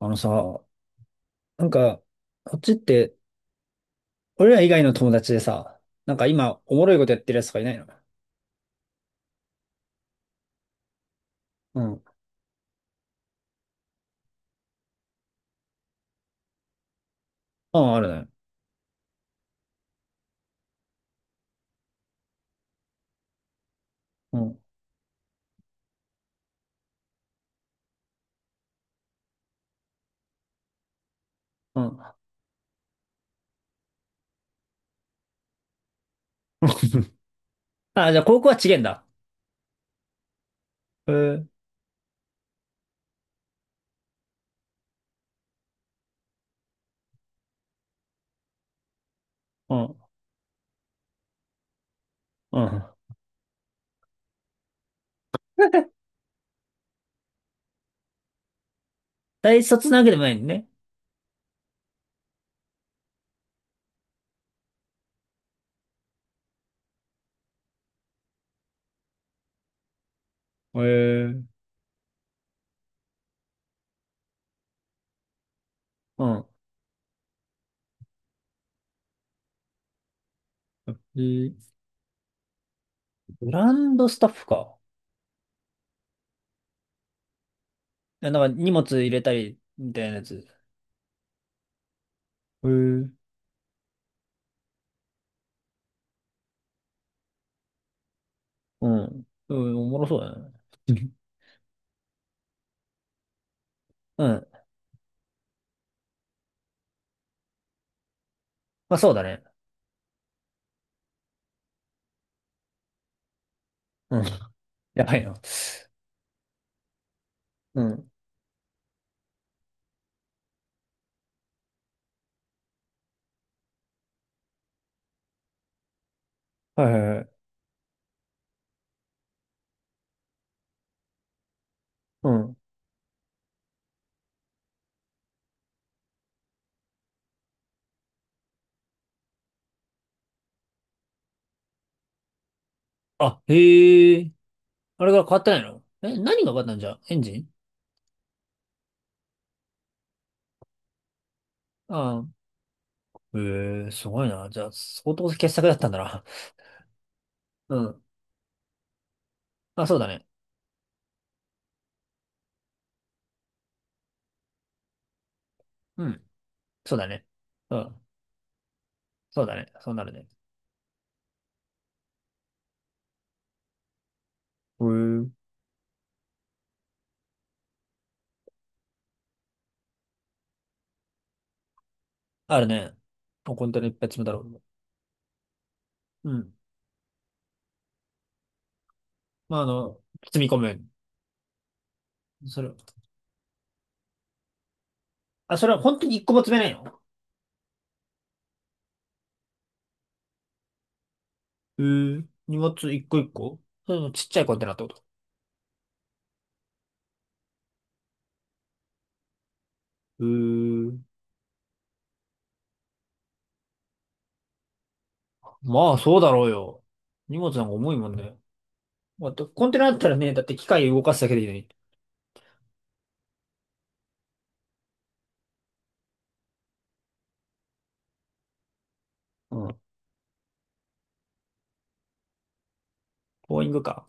あのさ、なんか、こっちって、俺ら以外の友達でさ、今、おもろいことやってるやつとかいないの？うん。ああ、あるね。うん。うん。あ、じゃあ高校は違えんだ。へえ。うん。うん。大卒なわけでもないんね。へえ。うん。えー、グランドスタッフか。いや荷物入れたり、みたいなやつ。へえ。うん。うん、おもろそうだね。うん。まあそうだね。うん。やばいな。うん。はいはいはい。うん。あ、へえ。あれが変わったんやろ、え、何が変わったんじゃ、エンジン？ああ。え、えすごいな。じゃあ、相当傑作だったんだな。うん。あ、そうだね。うん。そうだね。うん。そうだね。そうなるね。へえ。あるね。もう本当にいっぱい詰めたろう。うん。まあ、あの、積み込む。それ、あ、それは本当に一個も詰めないの？へえ。荷物一個一個、それもちっちゃいコンテナってこと？へえ。まあ、そうだろうよ。荷物なんか重いもんね。まあコンテナだったらね、だって機械動かすだけでいいのに。ボーイングか。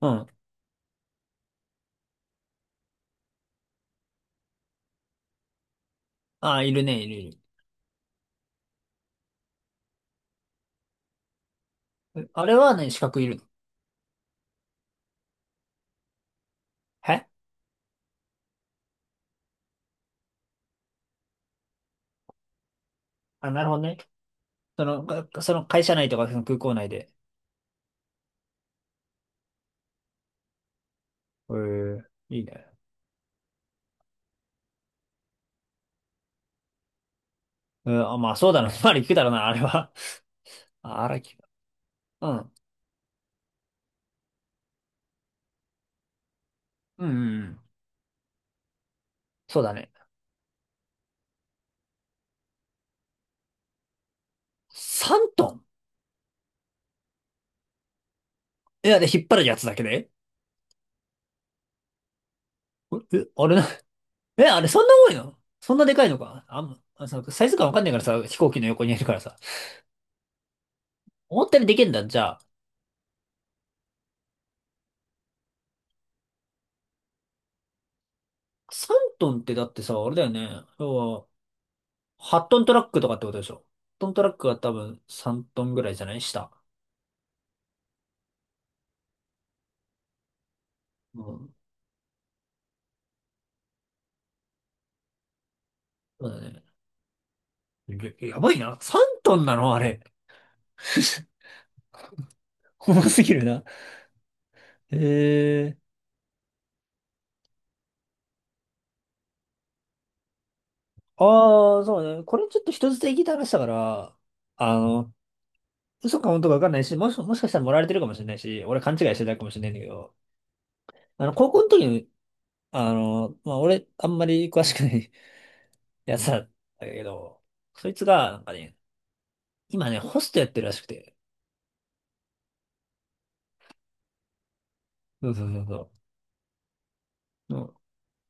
うん。ああ、いるね、いる、いる。あれはね、資格いるの？え、あ、なるほどね。その、がその会社内とかその空港内で。へえ、いいね。うん、あ、まあそうだな。まあ聞くだろうな、あれは。あ、荒木。うん。うん、うんうん。そうだね。3トン？え、あれ引っ張るやつだけで？え、えあれな、え、あれそんな重いの、そんなでかいのか、あ、んあさサイズ感わかんないからさ、飛行機の横にいるからさ。思ったよりでけんだ。じゃあ、3トンってだってさ、あれだよね。要は8トントラックとかってことでしょ。8トントラックは多分3トンぐらいじゃない下。うん。そうだね。や、やばいな。3トンなのあれ。重すぎるな。へえー。ああ、そうね。これちょっと人捨てに聞いた話だから、あの、嘘か本当かわかんないし、もし、もしかしたら盛られてるかもしれないし、俺勘違いしてたかもしれないんだけど、あの、高校の時に、あの、まあ、俺、あんまり詳しくない やつだったけど、そいつが、なんかね、今ね、ホストやってるらしくて。そうそうそうそう。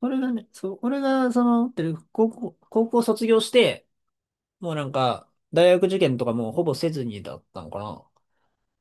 俺がね、そう、俺が、その、ってる高校、高校卒業して、もう大学受験とかもうほぼせずにだったのかな。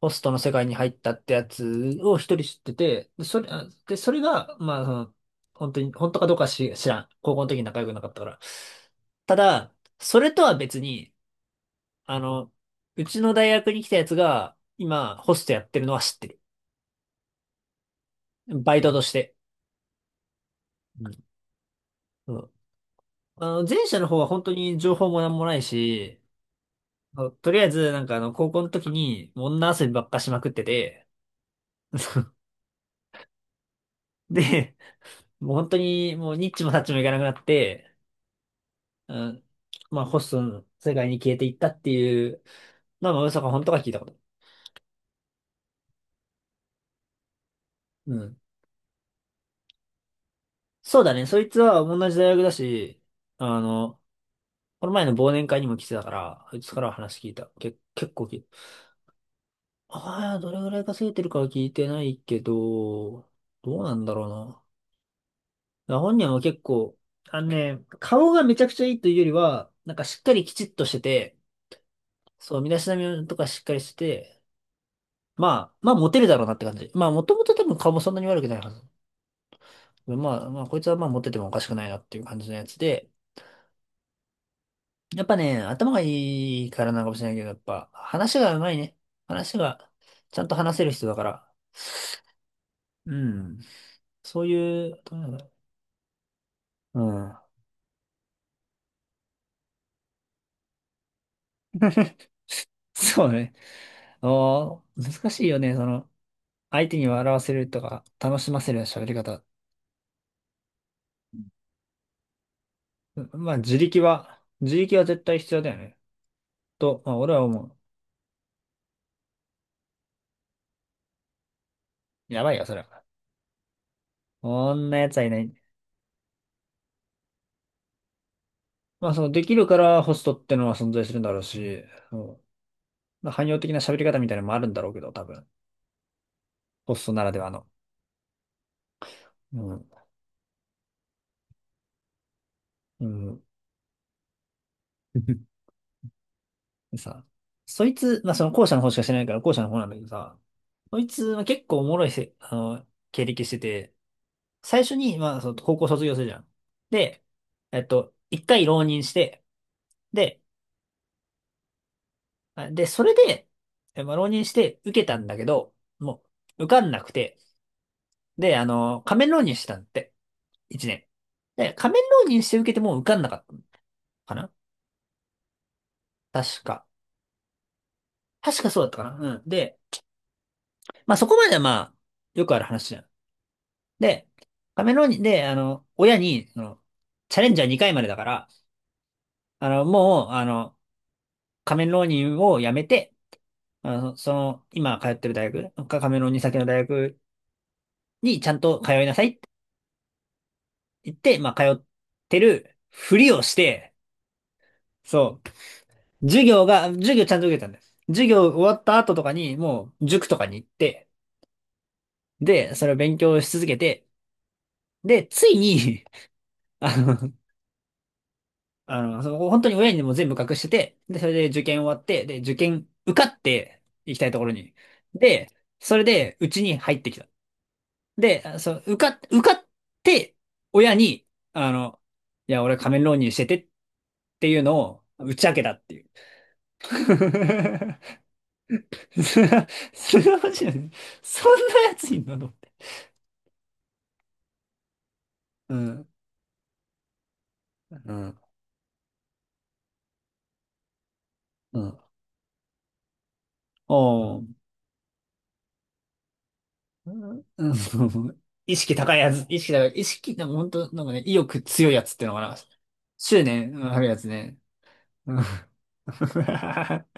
ホストの世界に入ったってやつを一人知ってて、で、それ、あで、それが、まあ、その、本当に、本当かどうかし知らん。高校の時に仲良くなかったから。ただ、それとは別に、あの、うちの大学に来たやつが、今、ホストやってるのは知ってる。バイトとして。うん。うん、あの、前者の方は本当に情報もなんもないし、そうとりあえず、あの、高校の時に、もう女遊びばっかしまくってて、で、もう本当に、もうニッチもサッチもいかなくなって、うん、まあ、ホストの世界に消えていったっていう、まあ、まあ嘘か本当か聞いたこと。うん。そうだね、そいつは同じ大学だし、あの、この前の忘年会にも来てたから、そいつからは話聞いた。け、結構聞いた。ああ、どれぐらい稼いでるかは聞いてないけど、どうなんだろうな。ら本人は結構、あのね、顔がめちゃくちゃいいというよりは、しっかりきちっとしてて、そう、身だしなみとかしっかりしてて、まあ、まあモテるだろうなって感じ。まあもともと多分顔もそんなに悪くないはず。まあ、まあこいつはまあモテてもおかしくないなっていう感じのやつで、やっぱね、頭がいいからなのかもしれないけど、やっぱ話が上手いね。話がちゃんと話せる人だから。うん。そういう、どうなんだろう。うん。そうね。ああ、難しいよね、その。相手に笑わせるとか、楽しませる喋り方。う、まあ、自力は、自力は絶対必要だよね。と、まあ、俺は思う。やばいよ、それは。こんな奴はいない。まあ、その、できるからホストってのは存在するんだろうし、そう、まあ、汎用的な喋り方みたいなのもあるんだろうけど、多分。ホストならではの。うん。うん。でさ、そいつ、まあ、その後者の方しか知らないから後者の方なんだけどさ、そいつは結構おもろいせ、あの、経歴してて、最初に、まあ、その高校卒業するじゃん。で、えっと、一回浪人して、で、あで、それで、え、まあ、浪人して受けたんだけど、もう、受かんなくて、で、あの、仮面浪人してたんだって、一年。で、仮面浪人して受けても受かんなかったのかな、確か。確かそうだったかな、うん。で、まあ、そこまではまあ、よくある話じゃん。で、仮面浪人で、あの、親に、その、チャレンジャー2回までだから、あの、もう、あの、仮面浪人をやめて、あの、その、今通ってる大学、カカメロンサ先の大学にちゃんと通いなさいって言って、まあ、通ってるふりをして、そう、授業が、授業ちゃんと受けたんです。授業終わった後とかに、もう、塾とかに行って、で、それを勉強し続けて、で、ついに あの、あの、その本当に親にも全部隠してて、で、それで受験終わって、で、受験受かって行きたいところに。で、それで、うちに入ってきた。で、あそう、受かっ、受かって、親に、あの、いや、俺仮面浪人しててっていうのを打ち明けたっていう。すな、すなわち、そんなやついんのと思って。うん、うん、うん。おー、うん、うん、意識高いやつ、意識高い、意識、本当ね、意欲強いやつっていうのかな。執念あるやつね。うん